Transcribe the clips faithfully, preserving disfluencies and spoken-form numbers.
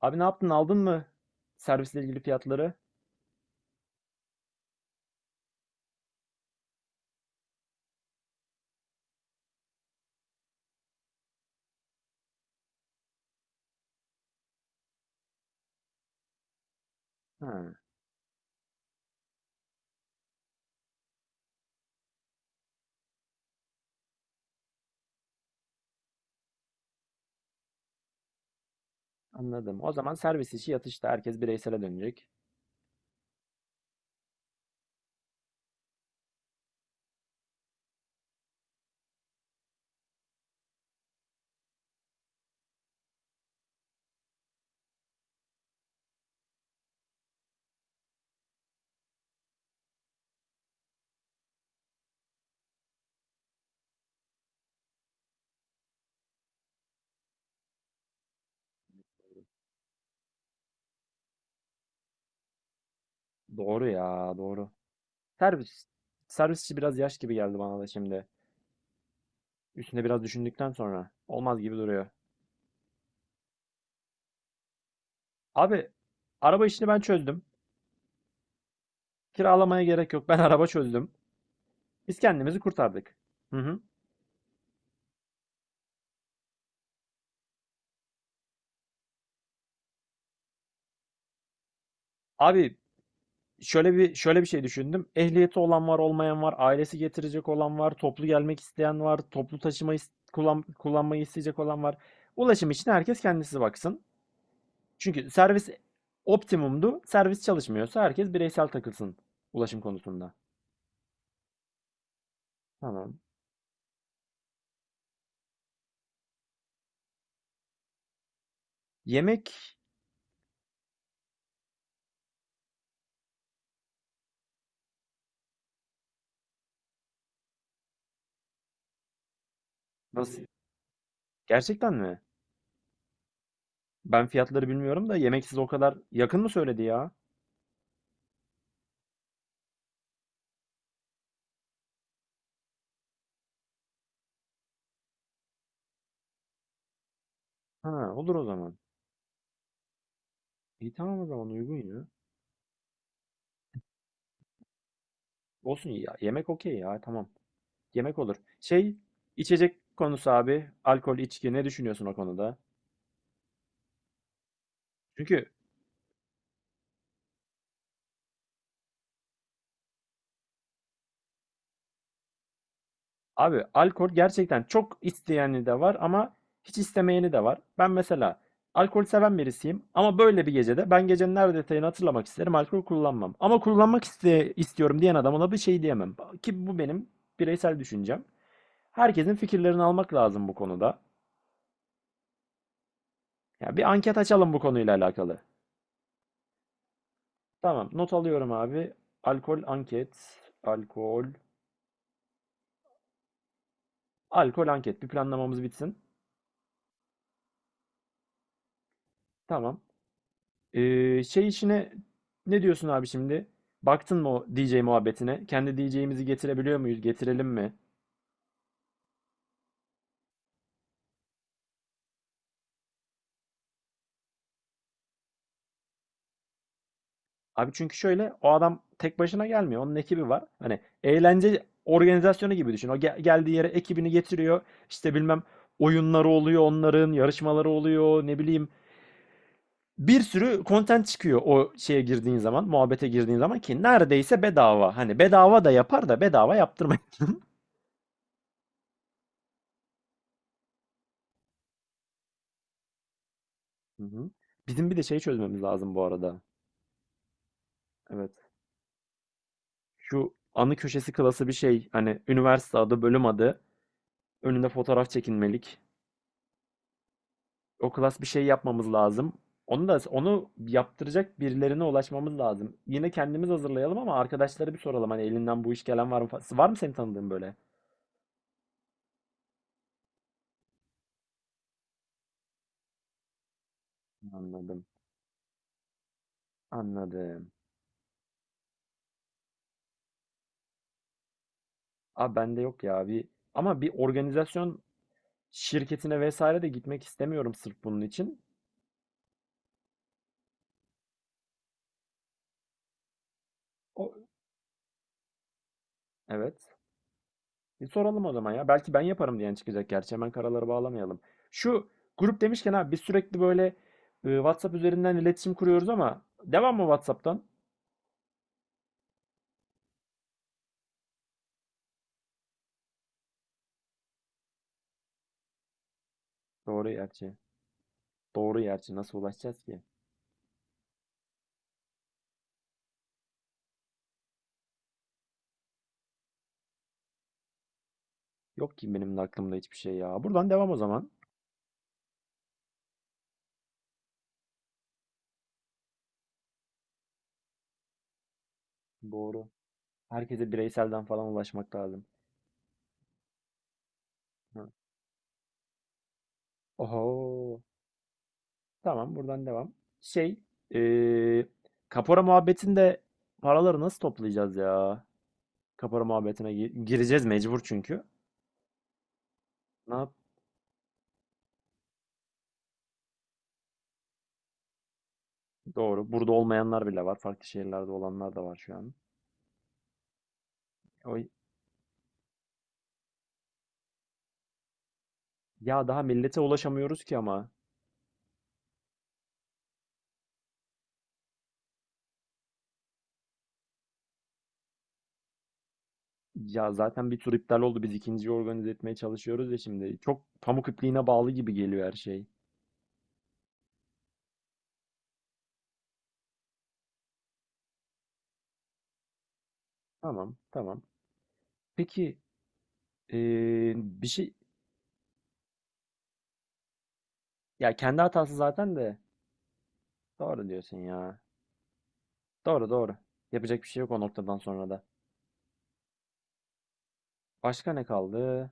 Abi ne yaptın? Aldın mı servisle ilgili fiyatları? Ha, anladım. O zaman servis işi yatışta. Herkes bireysele dönecek. Doğru ya, doğru. Servis. Servis işi biraz yaş gibi geldi bana da şimdi. Üstüne biraz düşündükten sonra. Olmaz gibi duruyor. Abi, araba işini ben çözdüm. Kiralamaya gerek yok. Ben araba çözdüm. Biz kendimizi kurtardık. Hı hı. Abi Şöyle bir şöyle bir şey düşündüm. Ehliyeti olan var, olmayan var, ailesi getirecek olan var, toplu gelmek isteyen var, toplu taşıma is- kullan kullanmayı isteyecek olan var. Ulaşım için herkes kendisi baksın. Çünkü servis optimumdu. Servis çalışmıyorsa herkes bireysel takılsın ulaşım konusunda. Tamam. Yemek nasıl? Gerçekten mi? Ben fiyatları bilmiyorum da yemek size o kadar yakın mı söyledi ya? Ha, olur o zaman. İyi, tamam o zaman uygun ya. Olsun ya. Yemek okey ya. Tamam. Yemek olur. Şey, içecek konusu abi. Alkol, içki ne düşünüyorsun o konuda? Çünkü abi alkol gerçekten çok isteyeni de var ama hiç istemeyeni de var. Ben mesela alkol seven birisiyim ama böyle bir gecede ben gecenin her detayını hatırlamak isterim. Alkol kullanmam. Ama kullanmak iste istiyorum diyen adama da bir şey diyemem. Ki bu benim bireysel düşüncem. Herkesin fikirlerini almak lazım bu konuda. Ya bir anket açalım bu konuyla alakalı. Tamam, not alıyorum abi. Alkol anket. Alkol. Alkol anket. Bir planlamamız bitsin. Tamam. Ee, şey işine ne diyorsun abi şimdi? Baktın mı o D J muhabbetine? Kendi D J'imizi getirebiliyor muyuz? Getirelim mi? Abi çünkü şöyle, o adam tek başına gelmiyor. Onun ekibi var. Hani eğlence organizasyonu gibi düşün. O gel- geldiği yere ekibini getiriyor. İşte bilmem oyunları oluyor onların, yarışmaları oluyor, ne bileyim. Bir sürü content çıkıyor o şeye girdiğin zaman, muhabbete girdiğin zaman, ki neredeyse bedava. Hani bedava da yapar da bedava yaptırmayın. Hı hı. Bizim bir de şey çözmemiz lazım bu arada. Evet. Şu anı köşesi klası bir şey. Hani üniversite adı, bölüm adı. Önünde fotoğraf çekinmelik. O klas bir şey yapmamız lazım. Onu da onu yaptıracak birilerine ulaşmamız lazım. Yine kendimiz hazırlayalım ama arkadaşlara bir soralım. Hani elinden bu iş gelen var mı? fa- Var mı senin tanıdığın böyle? Anladım. Anladım. Abi bende yok ya bir, ama bir organizasyon şirketine vesaire de gitmek istemiyorum sırf bunun için. O, evet. Bir soralım o zaman ya. Belki ben yaparım diyen çıkacak gerçi. Hemen karaları bağlamayalım. Şu grup demişken abi biz sürekli böyle e, WhatsApp üzerinden iletişim kuruyoruz, ama devam mı WhatsApp'tan? Doğru gerçi. Doğru gerçi. Nasıl ulaşacağız ki? Yok ki benim de aklımda hiçbir şey ya. Buradan devam o zaman. Doğru. Herkese bireyselden falan ulaşmak lazım. Hı. Oho. Tamam, buradan devam. Şey, e, kapora muhabbetinde paraları nasıl toplayacağız ya? Kapora muhabbetine gi- gireceğiz mecbur çünkü. Ne yap? Doğru. Burada olmayanlar bile var. Farklı şehirlerde olanlar da var şu an. O, ya daha millete ulaşamıyoruz ki ama. Ya zaten bir tur iptal oldu. Biz ikinciyi organize etmeye çalışıyoruz ya şimdi. Çok pamuk ipliğine bağlı gibi geliyor her şey. Tamam, tamam. Peki eee, bir şey... Ya kendi hatası zaten de. Doğru diyorsun ya. Doğru doğru. Yapacak bir şey yok o noktadan sonra da. Başka ne kaldı?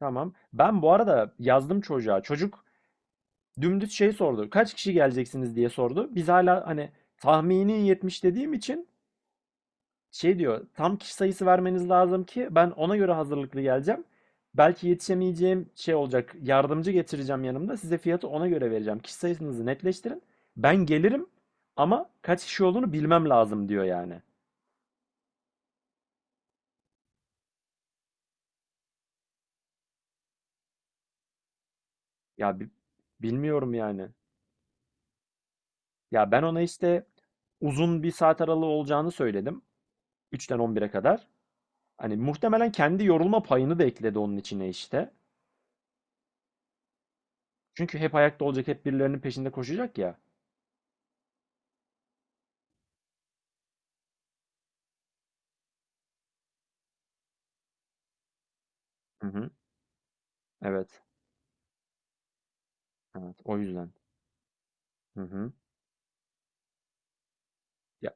Tamam. Ben bu arada yazdım çocuğa. Çocuk dümdüz şey sordu. Kaç kişi geleceksiniz diye sordu. Biz hala hani tahmini yetmiş dediğim için şey diyor. Tam kişi sayısı vermeniz lazım ki ben ona göre hazırlıklı geleceğim. Belki yetişemeyeceğim şey olacak. Yardımcı getireceğim yanımda. Size fiyatı ona göre vereceğim. Kişi sayısınızı netleştirin. Ben gelirim ama kaç kişi olduğunu bilmem lazım diyor yani. Ya bi- Bilmiyorum yani. Ya ben ona işte uzun bir saat aralığı olacağını söyledim. üçten on bire kadar. Hani muhtemelen kendi yorulma payını da ekledi onun içine işte. Çünkü hep ayakta olacak, hep birilerinin peşinde koşacak ya. Hı hı. Evet. Evet. O yüzden. Hı hı. Ya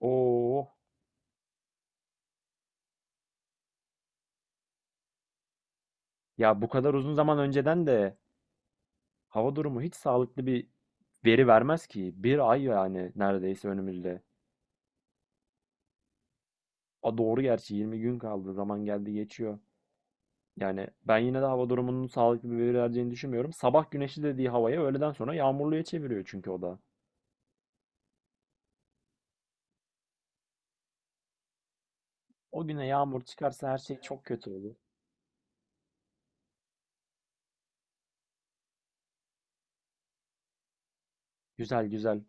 o Ya bu kadar uzun zaman önceden de hava durumu hiç sağlıklı bir veri vermez ki. Bir ay yani neredeyse önümüzde. A doğru gerçi, yirmi gün kaldı. Zaman geldi geçiyor. Yani ben yine de hava durumunun sağlıklı bir veri vereceğini düşünmüyorum. Sabah güneşli dediği havaya öğleden sonra yağmurluya çeviriyor çünkü o da. O güne yağmur çıkarsa her şey çok kötü olur. Güzel güzel.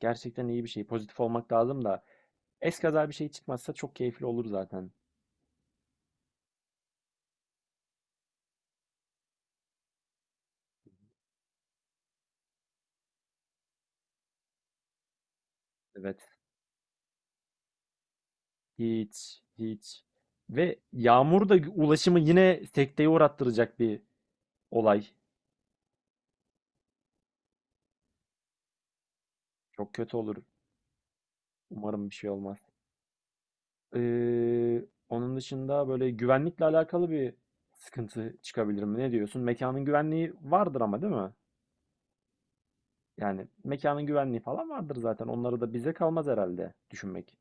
Gerçekten iyi bir şey. Pozitif olmak lazım da. Eskaza bir şey çıkmazsa çok keyifli olur zaten. Evet. Hiç, hiç. Ve yağmur da ulaşımı yine sekteye uğrattıracak bir olay. Çok kötü olur. Umarım bir şey olmaz. Ee, onun dışında böyle güvenlikle alakalı bir sıkıntı çıkabilir mi? Ne diyorsun? Mekanın güvenliği vardır ama, değil mi? Yani mekanın güvenliği falan vardır zaten. Onları da bize kalmaz herhalde düşünmek.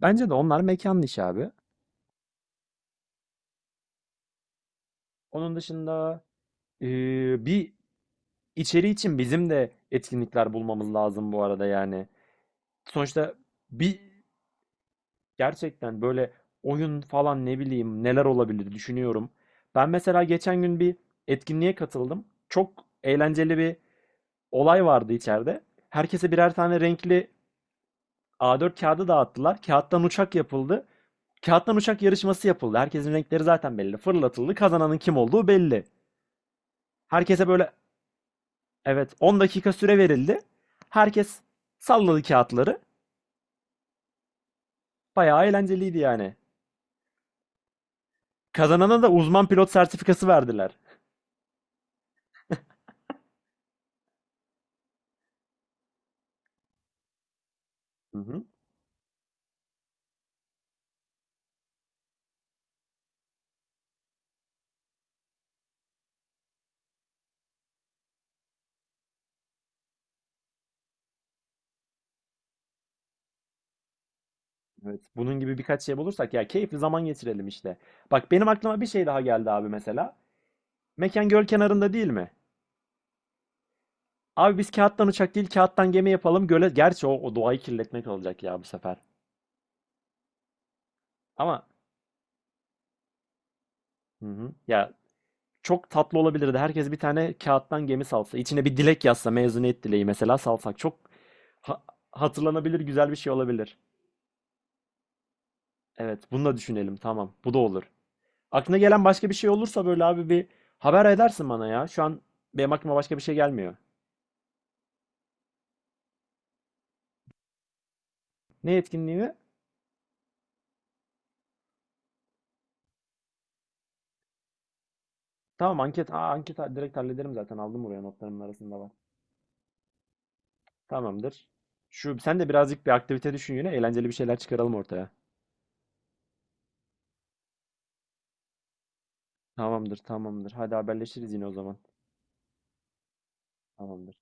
Bence de onlar mekanın işi abi. Onun dışında Eee, bir içeri için bizim de etkinlikler bulmamız lazım bu arada yani. Sonuçta bir gerçekten böyle oyun falan ne bileyim neler olabilir düşünüyorum. Ben mesela geçen gün bir etkinliğe katıldım. Çok eğlenceli bir olay vardı içeride. Herkese birer tane renkli A dört kağıdı dağıttılar. Kağıttan uçak yapıldı. Kağıttan uçak yarışması yapıldı. Herkesin renkleri zaten belli. Fırlatıldı. Kazananın kim olduğu belli. Herkese böyle evet, on dakika süre verildi. Herkes salladı kağıtları. Bayağı eğlenceliydi yani. Kazanana da uzman pilot sertifikası verdiler. Hı hı. Evet, bunun gibi birkaç şey bulursak ya keyifli zaman geçirelim işte. Bak benim aklıma bir şey daha geldi abi mesela. Mekan göl kenarında, değil mi? Abi biz kağıttan uçak değil, kağıttan gemi yapalım göle. Gerçi o, o doğayı kirletmek olacak ya bu sefer. Ama hı hı. Ya çok tatlı olabilirdi. Herkes bir tane kağıttan gemi salsa, içine bir dilek yazsa, mezuniyet dileği mesela salsak. Çok Ha- hatırlanabilir güzel bir şey olabilir. Evet, bunu da düşünelim. Tamam, bu da olur. Aklına gelen başka bir şey olursa böyle abi bir haber edersin bana ya. Şu an benim aklıma başka bir şey gelmiyor. Ne etkinliği mi? Tamam, anket. Aa, anket ha- direkt hallederim zaten. Aldım, buraya notlarımın arasında var. Tamamdır. Şu, sen de birazcık bir aktivite düşün yine. Eğlenceli bir şeyler çıkaralım ortaya. Tamamdır, tamamdır. Hadi haberleşiriz yine o zaman. Tamamdır.